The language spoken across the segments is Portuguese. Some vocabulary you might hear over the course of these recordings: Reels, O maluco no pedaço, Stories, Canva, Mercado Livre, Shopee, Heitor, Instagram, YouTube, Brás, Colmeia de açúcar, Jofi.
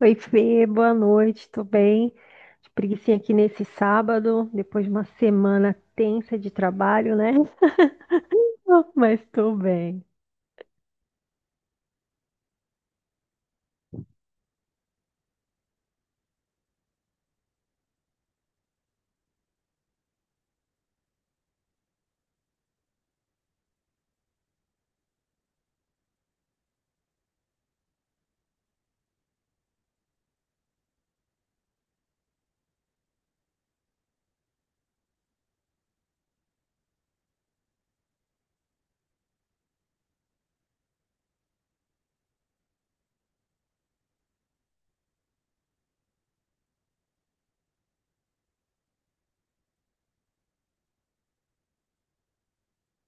Oi, Fê, boa noite, tô bem. De preguicinha aqui nesse sábado, depois de uma semana tensa de trabalho, né? Mas tô bem.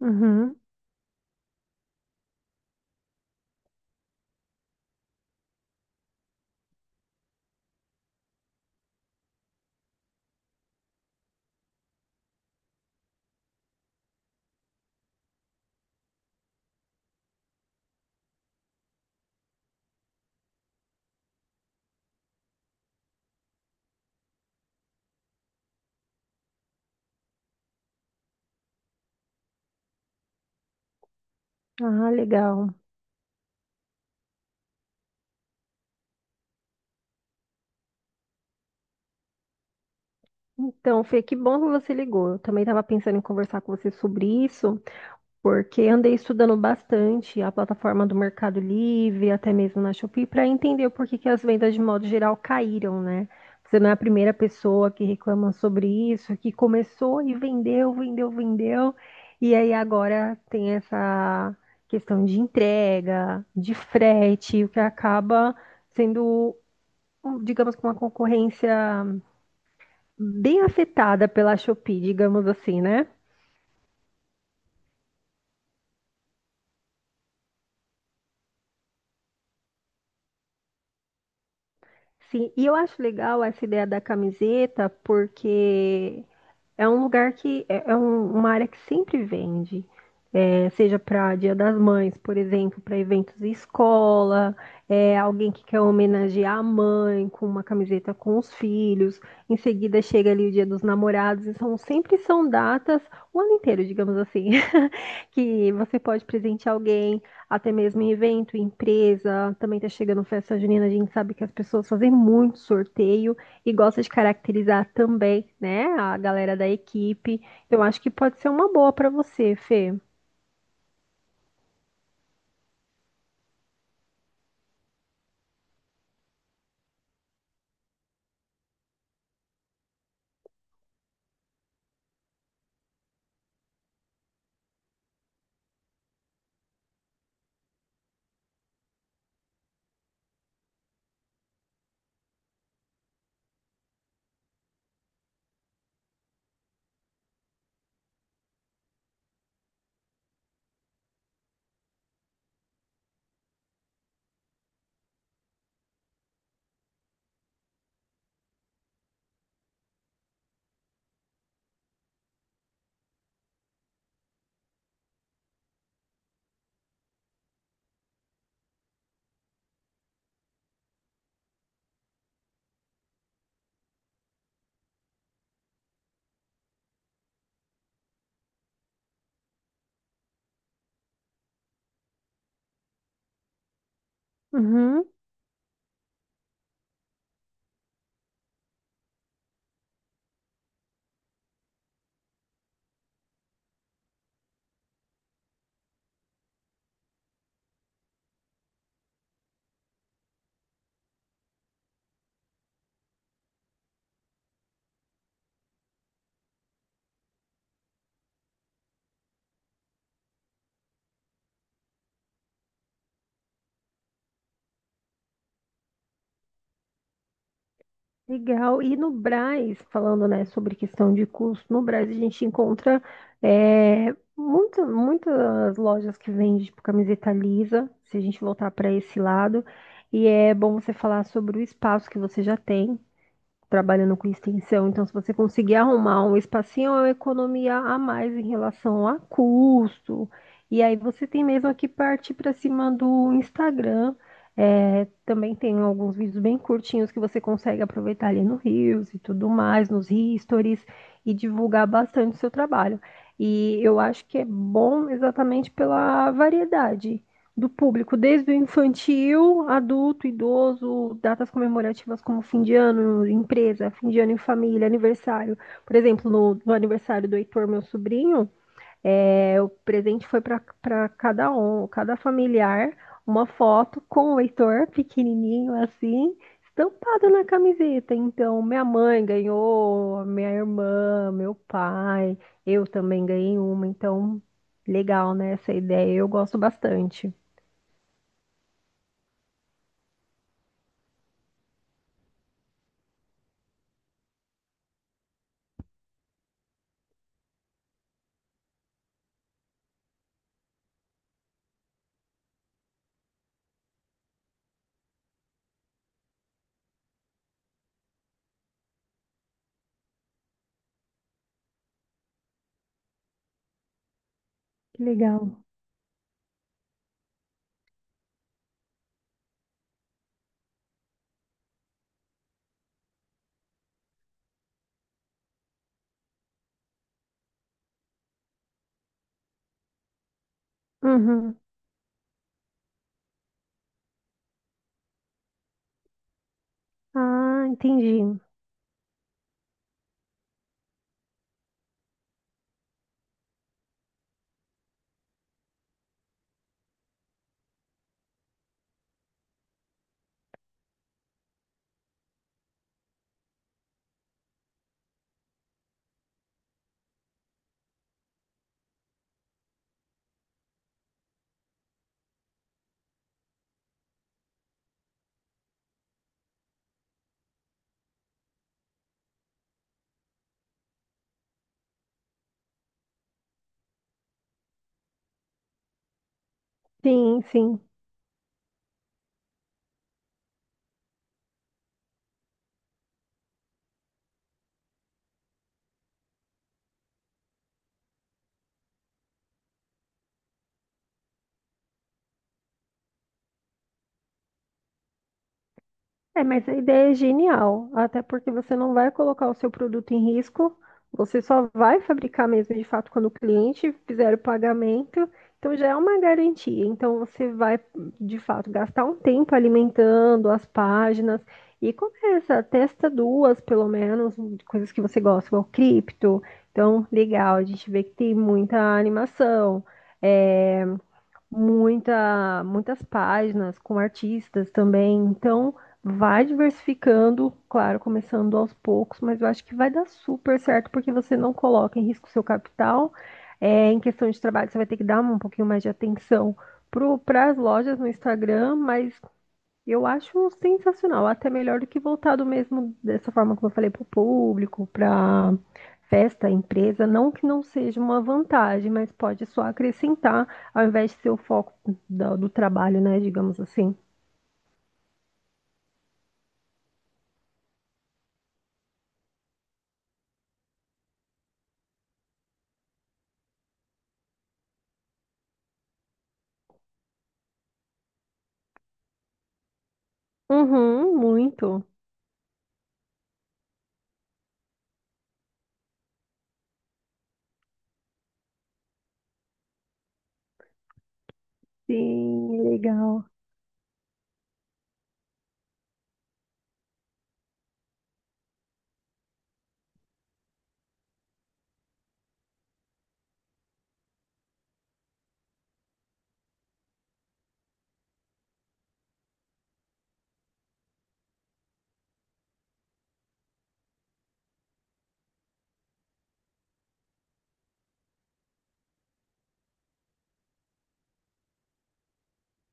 Uhum. Ah, legal. Então, Fê, que bom que você ligou. Eu também estava pensando em conversar com você sobre isso, porque andei estudando bastante a plataforma do Mercado Livre, até mesmo na Shopee, para entender por que que as vendas de modo geral caíram, né? Você não é a primeira pessoa que reclama sobre isso, que começou e vendeu, vendeu, vendeu, e aí agora tem essa questão de entrega, de frete, o que acaba sendo um, digamos, que uma concorrência bem afetada pela Shopee, digamos assim, né? Sim, e eu acho legal essa ideia da camiseta, porque é um lugar que é, uma área que sempre vende. É, seja para Dia das Mães, por exemplo, para eventos de escola, alguém que quer homenagear a mãe com uma camiseta com os filhos, em seguida chega ali o Dia dos Namorados, e são sempre são datas o ano inteiro, digamos assim, que você pode presentear alguém, até mesmo em evento, em empresa. Também tá chegando festa junina, a gente sabe que as pessoas fazem muito sorteio e gosta de caracterizar também, né, a galera da equipe. Eu acho que pode ser uma boa para você, Fê. Uhum. Legal. E no Brás, falando, né, sobre questão de custo, no Brás a gente encontra, é, muitas lojas que vendem tipo camiseta lisa, se a gente voltar para esse lado. E é bom você falar sobre o espaço que você já tem, trabalhando com extensão. Então, se você conseguir arrumar um espacinho, é uma economia a mais em relação a custo. E aí você tem mesmo que partir para cima do Instagram. É, também tem alguns vídeos bem curtinhos que você consegue aproveitar ali no Reels e tudo mais, nos Stories, e divulgar bastante o seu trabalho. E eu acho que é bom exatamente pela variedade do público, desde o infantil, adulto, idoso, datas comemorativas como fim de ano, empresa, fim de ano em família, aniversário. Por exemplo, no aniversário do Heitor, meu sobrinho, é, o presente foi para cada um, cada familiar, uma foto com o Heitor, pequenininho assim, estampado na camiseta. Então, minha mãe ganhou, minha irmã, meu pai, eu também ganhei uma. Então, legal, né, essa ideia. Eu gosto bastante. Que legal. Uhum. Ah, entendi. Sim, sim. É, mas a ideia é genial, até porque você não vai colocar o seu produto em risco, você só vai fabricar mesmo de fato quando o cliente fizer o pagamento, então já é uma garantia. Então você vai de fato gastar um tempo alimentando as páginas e começa, testa duas pelo menos, coisas que você gosta, igual cripto. Então, legal, a gente vê que tem muita animação. É, muitas páginas com artistas também. Então, vai diversificando, claro, começando aos poucos, mas eu acho que vai dar super certo porque você não coloca em risco o seu capital. É, em questão de trabalho, você vai ter que dar um pouquinho mais de atenção para as lojas no Instagram, mas eu acho sensacional, até melhor do que voltado mesmo dessa forma como eu falei para o público, para festa, empresa, não que não seja uma vantagem, mas pode só acrescentar ao invés de ser o foco do trabalho, né, digamos assim. Uhum, muito. Sim, legal.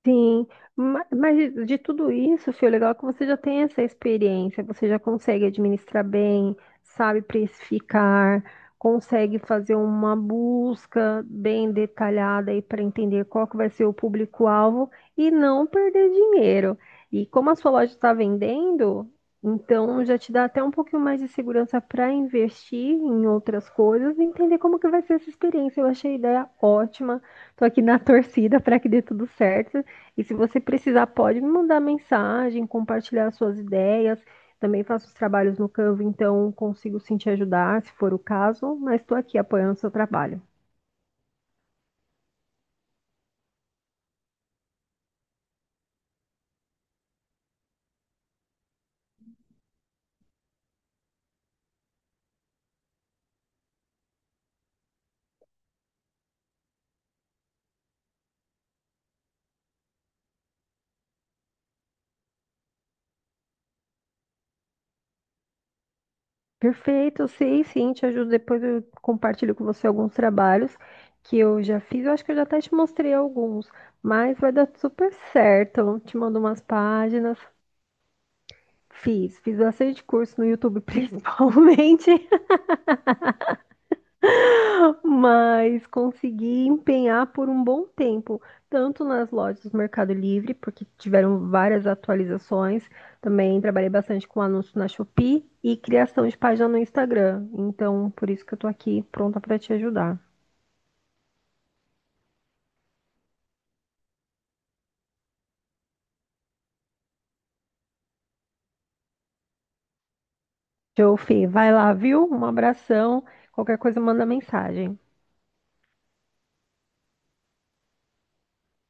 Sim, mas de tudo isso, filho, o legal é que você já tem essa experiência, você já consegue administrar bem, sabe precificar, consegue fazer uma busca bem detalhada aí para entender qual que vai ser o público-alvo e não perder dinheiro. E como a sua loja está vendendo, então já te dá até um pouquinho mais de segurança para investir em outras coisas e entender como que vai ser essa experiência. Eu achei a ideia ótima. Tô aqui na torcida para que dê tudo certo. E se você precisar, pode me mandar mensagem, compartilhar suas ideias. Também faço os trabalhos no Canva, então consigo sim te ajudar, se for o caso, mas estou aqui apoiando o seu trabalho. Perfeito, eu sei sim, te ajudo. Depois eu compartilho com você alguns trabalhos que eu já fiz. Eu acho que eu já até te mostrei alguns, mas vai dar super certo. Eu te mando umas páginas. Fiz, fiz bastante curso no YouTube, principalmente. Mas consegui empenhar por um bom tempo, tanto nas lojas do Mercado Livre, porque tiveram várias atualizações. Também trabalhei bastante com anúncio na Shopee e criação de página no Instagram. Então, por isso que eu tô aqui pronta para te ajudar. Jofi, vai lá, viu? Um abração. Qualquer coisa, manda mensagem.